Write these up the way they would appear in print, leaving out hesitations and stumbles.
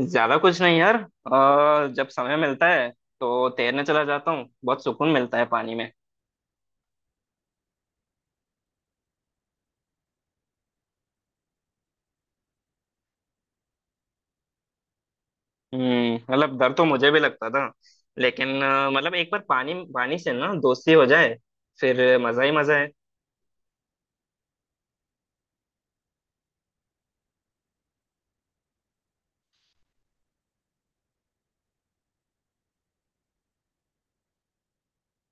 ज्यादा कुछ नहीं यार जब समय मिलता है तो तैरने चला जाता हूँ। बहुत सुकून मिलता है पानी में। हम्म, मतलब डर तो मुझे भी लगता था। लेकिन मतलब एक बार पानी पानी से ना दोस्ती हो जाए फिर मजा ही मजा है।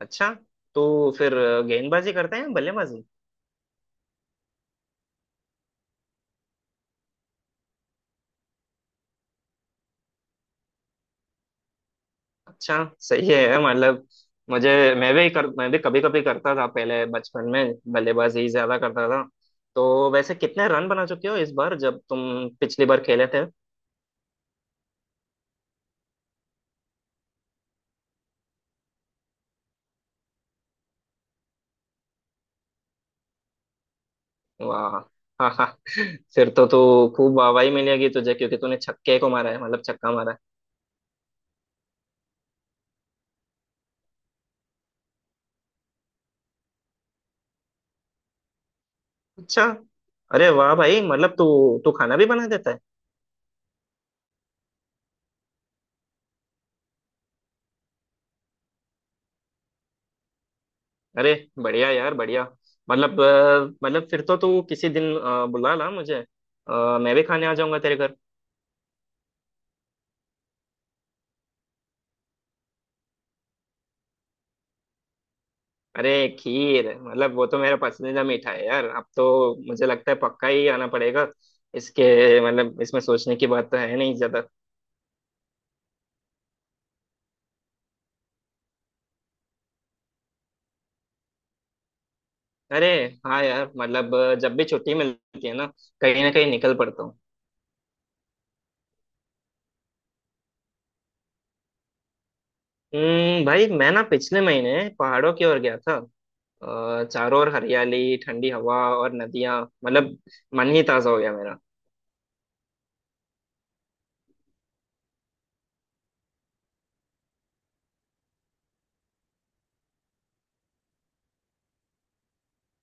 अच्छा, तो फिर गेंदबाजी करते हैं बल्लेबाजी? अच्छा सही है। मतलब मुझे मैं भी कर मैं भी कभी कभी करता था। पहले बचपन में बल्लेबाजी ज्यादा करता था। तो वैसे कितने रन बना चुके हो इस बार जब तुम पिछली बार खेले थे? वाह। हाँ हाँ, फिर तो तू खूब वाहवाही मिलेगी तुझे, क्योंकि तूने छक्के को मारा है, मतलब छक्का मारा है। अच्छा। अरे वाह भाई, मतलब तू तू खाना भी बना देता है? अरे बढ़िया यार बढ़िया। मतलब मतलब फिर तो तू किसी दिन बुला ला मुझे। मैं भी खाने आ जाऊंगा तेरे घर। अरे खीर मतलब वो तो मेरा पसंदीदा मीठा है यार। अब तो मुझे लगता है पक्का ही आना पड़ेगा। इसके, मतलब इसमें सोचने की बात तो है नहीं ज्यादा। अरे हाँ यार, मतलब जब भी छुट्टी मिलती है ना कहीं निकल पड़ता हूँ। हम्म, भाई मैं ना पिछले महीने पहाड़ों की ओर गया था। चारों ओर हरियाली, ठंडी हवा और नदियाँ, मतलब मन ही ताजा हो गया मेरा।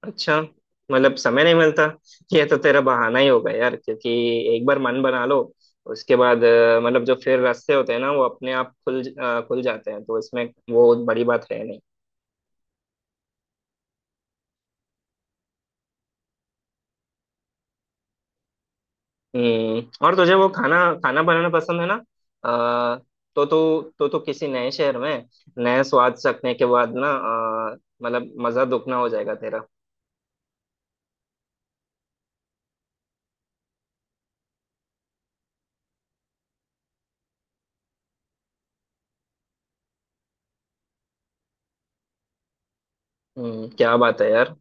अच्छा, मतलब समय नहीं मिलता। ये तो तेरा बहाना ही होगा यार, क्योंकि एक बार मन बना लो, उसके बाद मतलब जो फिर रास्ते होते हैं ना वो अपने आप खुल जाते हैं। तो इसमें वो बड़ी बात है। हम्म, और तुझे वो खाना खाना बनाना पसंद है ना? आ, तो तू किसी नए शहर में नए स्वाद चखने के बाद ना मतलब मजा दुगना हो जाएगा तेरा। हम्म, क्या बात है यार।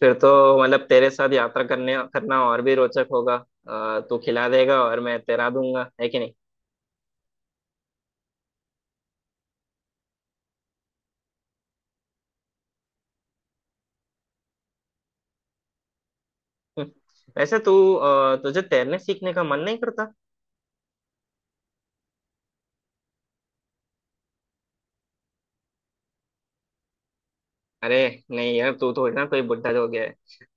फिर तो मतलब तेरे साथ यात्रा करने करना और भी रोचक होगा। तू खिला देगा और मैं तैरा दूंगा, है कि नहीं? वैसे तू तुझे तैरने सीखने का मन नहीं करता? अरे नहीं यार, तू तो ना कोई बुढ़ा हो गया है।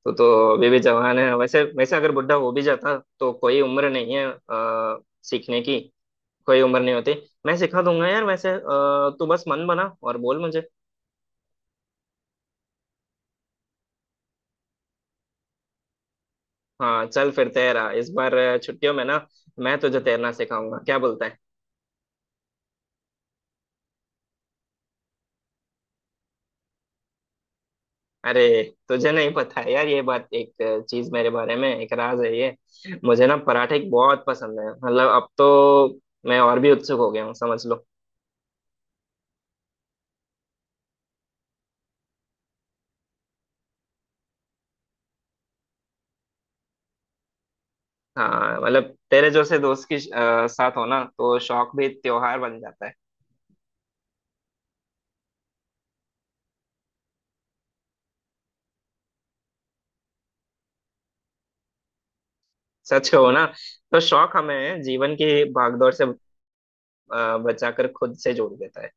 तू तो अभी भी जवान है। वैसे वैसे अगर बुढ़ा हो भी जाता तो कोई उम्र नहीं है आ, सीखने की। कोई उम्र नहीं होती। मैं सिखा दूंगा यार। तू बस मन बना और बोल मुझे। हाँ चल फिर, तैरा इस बार छुट्टियों में ना मैं तुझे तैरना सिखाऊंगा, क्या बोलता है? अरे तुझे नहीं पता है यार ये बात। एक चीज मेरे बारे में एक राज है ये। मुझे ना पराठे बहुत पसंद है। मतलब अब तो मैं और भी उत्सुक हो गया हूँ, समझ लो। हाँ, मतलब तेरे जैसे दोस्त के साथ हो ना तो शौक भी त्योहार बन जाता है। सच हो ना, तो शौक हमें जीवन की भागदौड़ से बचाकर खुद से जोड़ देता है।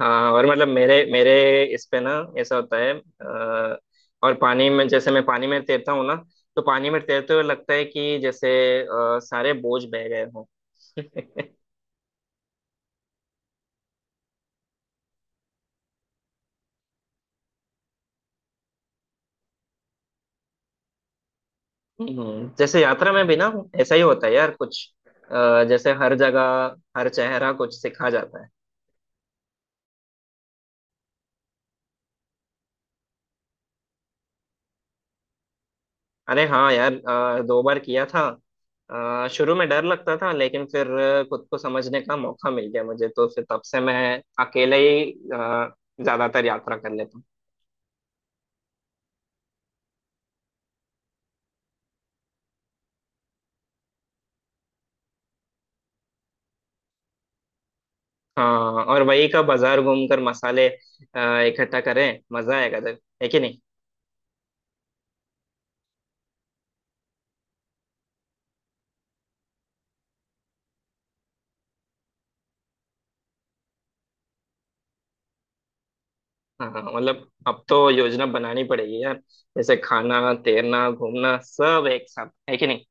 हाँ और मतलब मेरे मेरे इस पे ना ऐसा होता है। अ, और पानी में, जैसे मैं पानी में तैरता हूँ ना, तो पानी में तैरते हुए लगता है कि जैसे सारे बोझ बह गए हों। जैसे यात्रा में भी ना ऐसा ही होता है यार। कुछ जैसे हर जगह हर चेहरा कुछ सिखा जाता है। अरे हाँ यार, दो बार किया था। शुरू में डर लगता था, लेकिन फिर खुद को समझने का मौका मिल गया मुझे। तो फिर तब से मैं अकेले ही ज्यादातर यात्रा कर लेता हूँ। हाँ, और वही का बाजार घूमकर मसाले इकट्ठा करें, मजा आएगा सर, है कि नहीं? हाँ, मतलब अब तो योजना बनानी पड़ेगी यार। जैसे खाना, तैरना, घूमना सब एक साथ, है कि नहीं?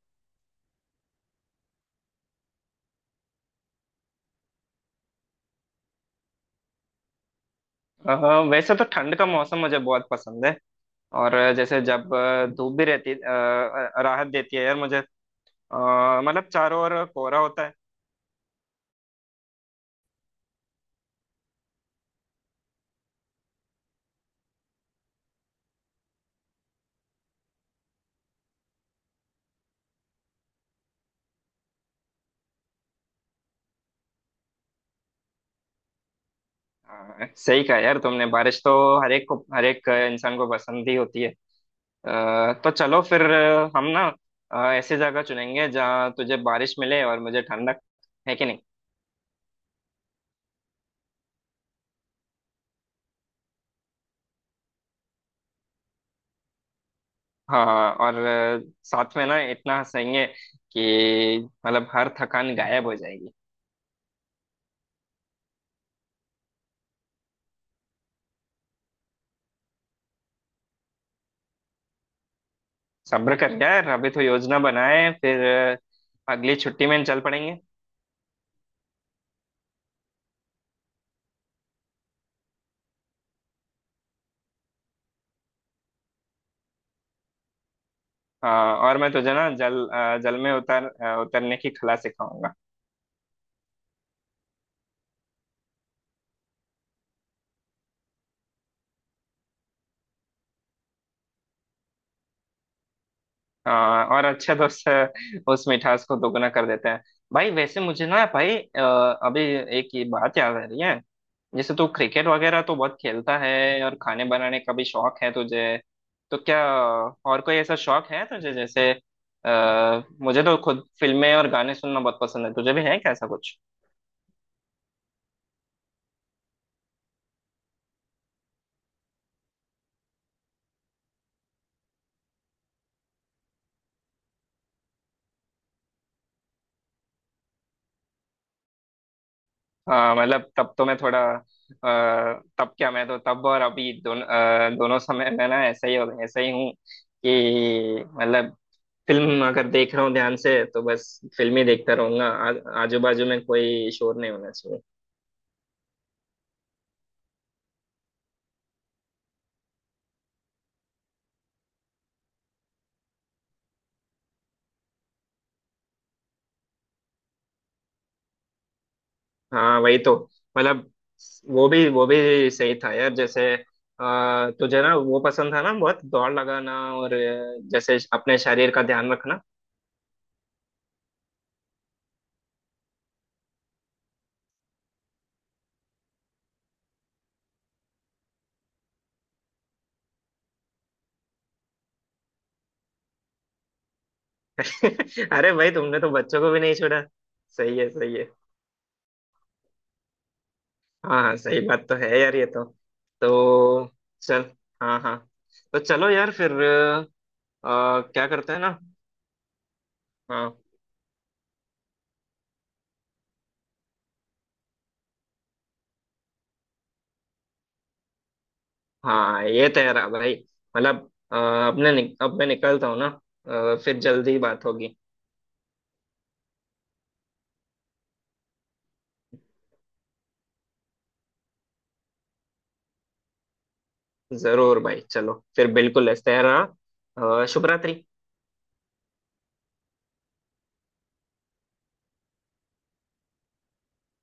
अ, वैसे तो ठंड का मौसम मुझे बहुत पसंद है। और जैसे जब धूप भी रहती, राहत देती है यार मुझे। अ, मतलब चारों ओर कोहरा होता है। सही कहा यार तुमने, बारिश तो हर एक इंसान को पसंद ही होती है। तो चलो फिर हम ना ऐसी जगह चुनेंगे जहाँ तुझे बारिश मिले और मुझे ठंडक, है कि नहीं? हाँ हाँ, और साथ में ना इतना हंसेंगे कि मतलब हर थकान गायब हो जाएगी। सब्र कर यार, अभी तो योजना बनाए फिर अ, अगली छुट्टी में चल पड़ेंगे। हाँ, और मैं तुझे ना जल अ, जल में उतर अ, उतरने की कला सिखाऊंगा। हाँ, और अच्छे दोस्त उस मिठास को दोगुना कर देते हैं भाई। वैसे मुझे ना भाई अभी एक ये बात याद आ रही है। जैसे तू क्रिकेट वगैरह तो बहुत खेलता है और खाने बनाने का भी शौक है तुझे, तो क्या और कोई ऐसा शौक है तुझे? जैसे आ, मुझे तो खुद फिल्में और गाने सुनना बहुत पसंद है, तुझे भी है क्या ऐसा कुछ? हाँ, मतलब तब तो मैं थोड़ा तब क्या, मैं तो तब और अभी दोनों दोनों समय में ना ऐसा ही हूँ कि मतलब फिल्म अगर देख रहा हूँ ध्यान से, तो बस फिल्म ही देखता रहूंगा। आ, आजू बाजू में कोई शोर नहीं होना चाहिए। हाँ वही तो, मतलब वो भी सही था यार। जैसे आ, तुझे ना वो पसंद था ना बहुत दौड़ लगाना और जैसे अपने शरीर का ध्यान रखना। अरे भाई, तुमने तो बच्चों को भी नहीं छोड़ा। सही है सही है। हाँ हाँ, सही बात तो है यार ये तो। तो चल। हाँ हाँ, तो चलो यार फिर क्या करते हैं ना। हाँ हाँ, ये तो यार भाई, मतलब अब मैं निकलता हूँ ना। फिर जल्दी बात होगी। जरूर भाई, चलो फिर, बिल्कुल इस तरह। शुभ रात्रि।